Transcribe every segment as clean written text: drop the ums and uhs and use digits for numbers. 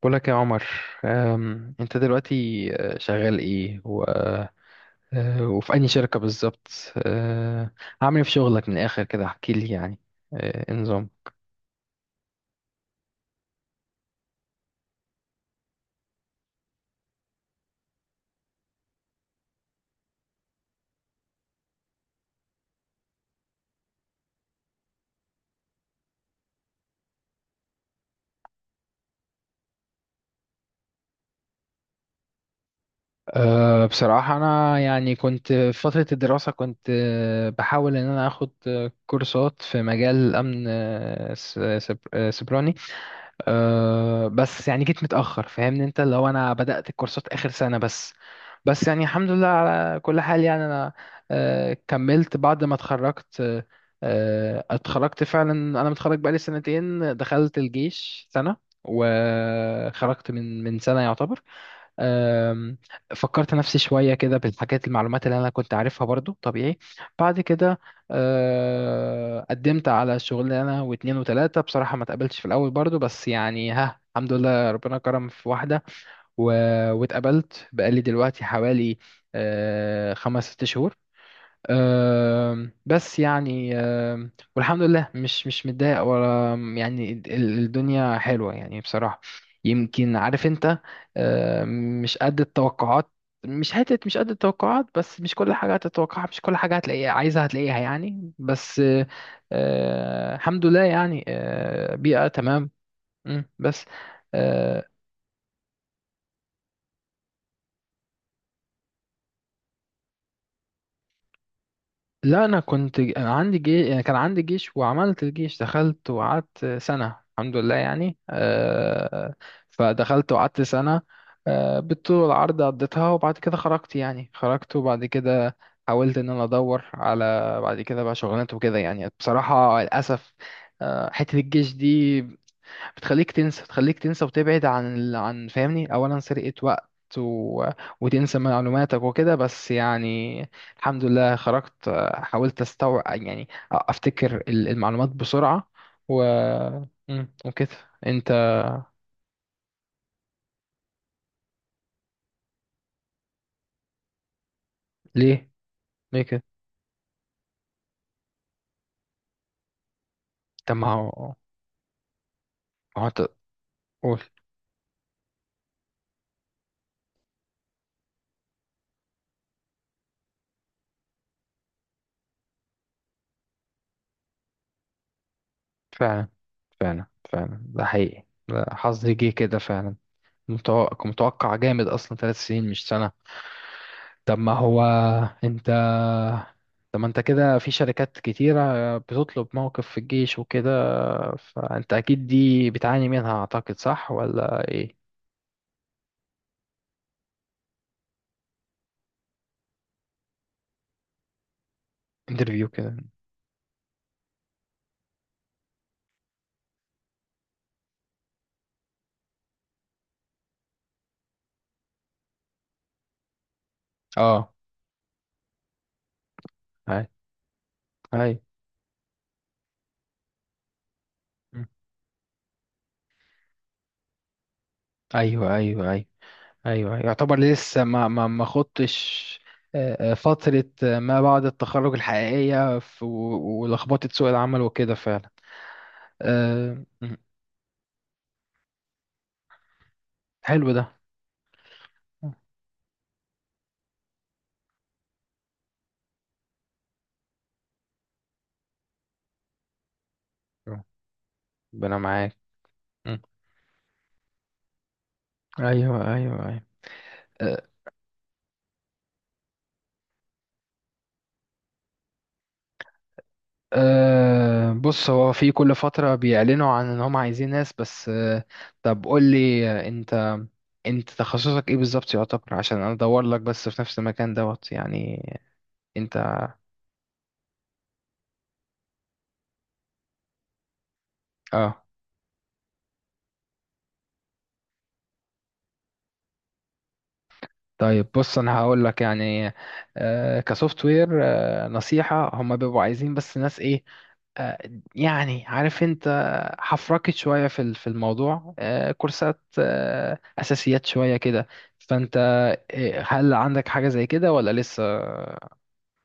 بقولك يا عمر. انت دلوقتي شغال ايه وفي أي شركة بالظبط؟ آه، عامل ايه في شغلك من الآخر كده احكي لي يعني. إيه النظام؟ أه بصراحة أنا يعني كنت في فترة الدراسة كنت بحاول إن أنا أخد كورسات في مجال الأمن، سيبراني. أه بس يعني جيت متأخر فاهمني، انت لو انا بدأت الكورسات آخر سنة بس. بس يعني الحمد لله على كل حال يعني انا أه كملت بعد ما اتخرجت. أه اتخرجت فعلا. انا متخرج بقالي سنتين، دخلت الجيش سنة وخرجت من سنة يعتبر. أم، فكرت نفسي شوية كده بالحاجات المعلومات اللي أنا كنت عارفها برضو طبيعي. بعد كده قدمت على شغلانة واتنين وتلاتة بصراحة ما اتقبلتش في الأول برضو، بس يعني ها الحمد لله ربنا كرم في واحدة واتقبلت بقالي دلوقتي حوالي خمس ست شهور. بس يعني، والحمد لله مش متضايق ولا يعني الدنيا حلوة يعني بصراحة، يمكن عارف انت. مش قد التوقعات. مش حتة مش قد التوقعات، بس مش كل حاجة هتتوقعها، مش كل حاجة هتلاقيها عايزها هتلاقيها يعني. بس آه، آه، الحمد لله يعني بيئة تمام. مم، بس آه، لا انا كنت عندي جيش، يعني كان عندي جيش وعملت الجيش، دخلت وقعدت سنة. الحمد لله يعني. فدخلت وقعدت سنة بالطول والعرض قضيتها، وبعد كده خرجت يعني، خرجت وبعد كده حاولت ان انا ادور على، بعد كده بقى شغلانات وكده يعني. بصراحة للاسف حتة الجيش دي بتخليك تنسى، تخليك تنسى وتبعد عن عن، فاهمني، اولا سرقة وقت و... وتنسى معلوماتك وكده. بس يعني الحمد لله خرجت، حاولت استوعب يعني افتكر المعلومات بسرعة و، مم، وكده. انت ليه؟ ليه كده؟ طب ما هو، ما هو أنت، قول. فعلا، فعلا، فعلا ده حقيقي، ده حظي جه كده فعلا. متوقع، متوقع جامد، اصلا ثلاث سنين مش سنة. طب ما هو انت، طب ما انت كده في شركات كتيرة بتطلب موقف في الجيش وكده، فانت اكيد دي بتعاني منها اعتقد، صح ولا ايه؟ انترفيو كده. اه. هاي. هاي. مم. ايوه، ايوه، ايوه. ايوه يعتبر لسه ما خضتش فترة ما بعد التخرج الحقيقية، ولخبطة سوق العمل وكده فعلا. مم. حلو ده. مم. ربنا معاك. مم. ايوه، ايوه، ايوه. أه بص هو في كل فترة بيعلنوا عن ان هم عايزين ناس، بس أه طب قول لي انت انت تخصصك ايه بالظبط يعتبر، عشان انا ادور لك بس في نفس المكان دوت يعني. انت، اه طيب بص انا هقول لك يعني كسوفت وير، نصيحة هم بيبقوا عايزين بس ناس ايه؟ آه، يعني عارف انت، حفركت شوية في الموضوع، كورسات، اساسيات شوية كده. فانت هل عندك حاجة زي كده ولا لسه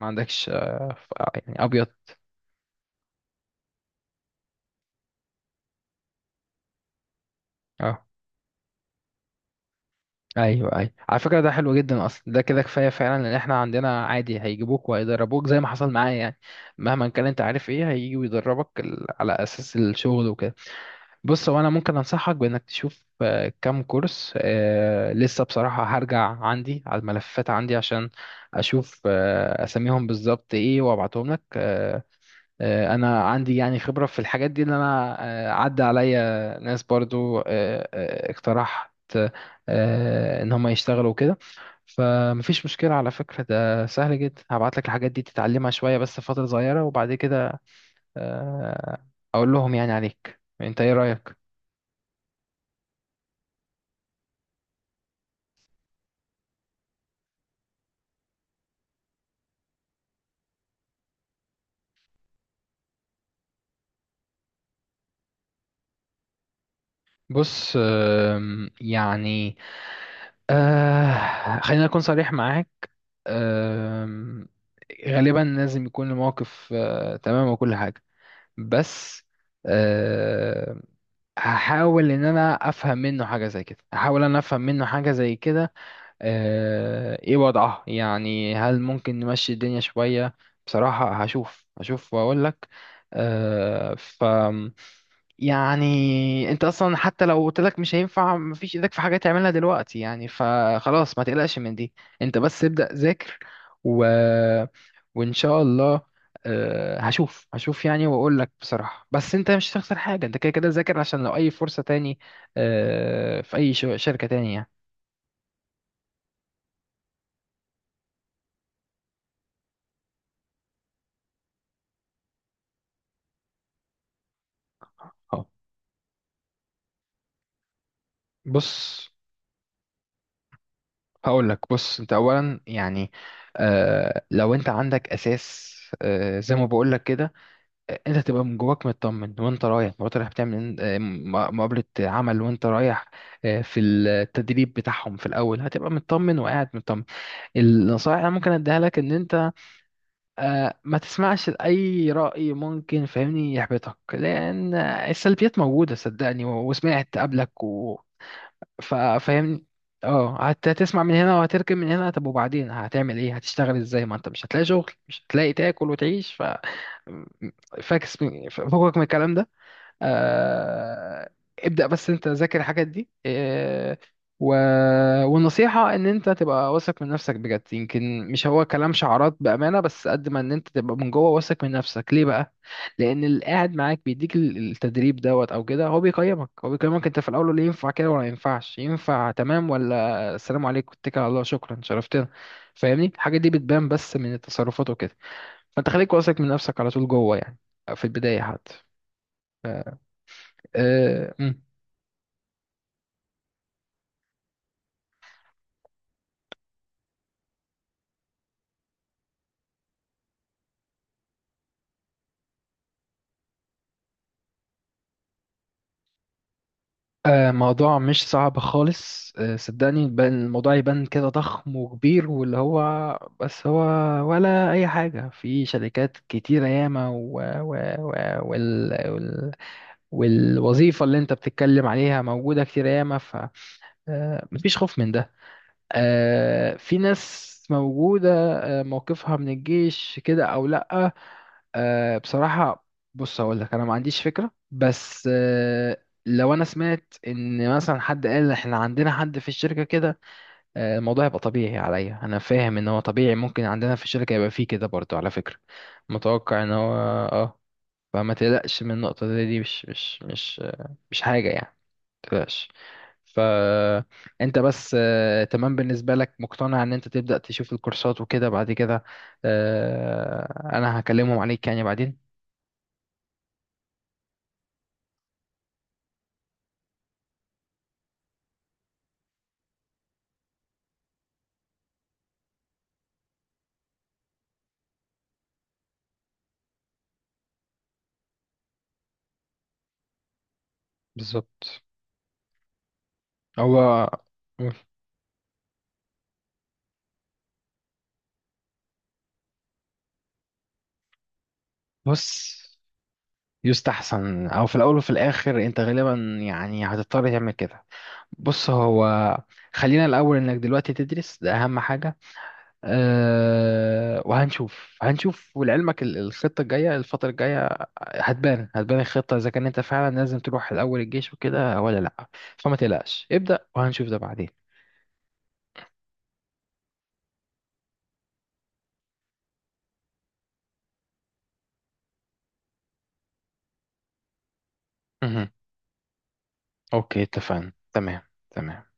ما عندكش؟ يعني ابيض. اه، ايوه، ايوه، على فكره ده حلو جدا. اصلا ده كده كفايه فعلا، لان احنا عندنا عادي هيجيبوك وهيدربوك زي ما حصل معايا يعني. مهما كان انت عارف، ايه هيجي ويدربك على اساس الشغل وكده. بص هو انا ممكن انصحك بانك تشوف كام كورس، لسه بصراحه هرجع عندي على الملفات عندي عشان اشوف اساميهم بالظبط ايه وابعتهم لك. انا عندي يعني خبره في الحاجات دي، ان انا عدى عليا ناس برضو اقترحت ان هم يشتغلوا كده. فمفيش مشكله على فكره، ده سهل جدا. هبعت لك الحاجات دي تتعلمها شويه بس فتره صغيره، وبعد كده آه، اقول لهم يعني عليك. انت ايه رايك؟ بص يعني خلينا اكون صريح معاك. آم، غالبا لازم يكون الموقف تمام وكل حاجه. بس أه هحاول ان انا افهم منه حاجه زي كده، هحاول ان انا افهم منه حاجه زي كده. أه ايه وضعها يعني، هل ممكن نمشي الدنيا شويه؟ بصراحه هشوف، هشوف واقول لك. أه ف يعني انت اصلا حتى لو قلت لك مش هينفع مفيش ايدك في حاجه تعملها دلوقتي يعني، فخلاص ما تقلقش من دي. انت بس ابدأ ذاكر و... وان شاء الله هشوف، هشوف يعني واقول لك بصراحه. بس انت مش هتخسر حاجه، انت كده كده ذاكر، عشان لو اي فرصه تاني في اي شركه تانية يعني. اه بص هقول لك. بص انت اولا يعني، لو انت عندك اساس، زي ما بقول لك كده، انت تبقى من جواك مطمن. وانت رايح، وانت رايح بتعمل مقابلة عمل، وانت رايح في التدريب بتاعهم في الاول هتبقى مطمن وقاعد مطمن. النصائح اللي أنا ممكن اديها لك ان انت ما تسمعش لاي رأي ممكن فاهمني يحبطك، لان السلبيات موجودة صدقني وسمعت قبلك. فاهمني، اه هتسمع من هنا وهتركب من هنا. طب وبعدين هتعمل ايه، هتشتغل ازاي؟ ما انت مش هتلاقي شغل، مش هتلاقي تاكل وتعيش. ف فاكس من فوقك من الكلام ده. آه، ابدأ بس انت ذاكر الحاجات دي و... والنصيحة ان انت تبقى واثق من نفسك بجد. يمكن مش هو كلام شعارات بأمانة، بس قد ما ان انت تبقى من جوه واثق من نفسك، ليه بقى؟ لان اللي قاعد معاك بيديك التدريب دوت او كده، هو بيقيمك، هو بيقيمك انت في الاول ولا ينفع كده ولا ينفعش. ينفع تمام، ولا السلام عليكم اتكل على الله شكرا شرفتنا. فاهمني الحاجة دي بتبان بس من التصرفات وكده، فانت خليك واثق من نفسك على طول جوه يعني، في البداية حتى. أه... آه، موضوع مش صعب خالص صدقني. الموضوع يبان كده ضخم وكبير واللي هو، بس هو، ولا أي حاجة. في شركات كتيرة ياما وال... وال... والوظيفة اللي أنت بتتكلم عليها موجودة كتير ياما، فمفيش خوف من ده. في ناس موجودة موقفها من الجيش كده أو لأ. بصراحة بص هقول لك، أنا ما عنديش فكرة، بس لو أنا سمعت إن مثلا حد قال إحنا عندنا حد في الشركة كده، الموضوع هيبقى طبيعي عليا. أنا فاهم إن هو طبيعي، ممكن عندنا في الشركة يبقى فيه كده برضه على فكرة، متوقع إن هو، آه. فما تقلقش من النقطة دي، دي مش حاجة يعني، متقلقش. فانت بس تمام بالنسبة لك، مقتنع ان انت تبدأ تشوف الكورسات وكده، بعد كده انا هكلمهم عليك يعني بعدين. بالظبط. هو بص يستحسن، او في الاول وفي الاخر انت غالبا يعني هتضطر تعمل كده. بص هو، خلينا الاول انك دلوقتي تدرس، ده اهم حاجة. أه وهنشوف، هنشوف، ولعلمك الخطة الجاية الفترة الجاية هتبان، هتبان الخطة إذا كان أنت فعلا لازم تروح الأول الجيش وكده ولا لأ. فما تقلقش، ابدأ وهنشوف ده بعدين. مهم. أوكي اتفقنا. تمام. تمام.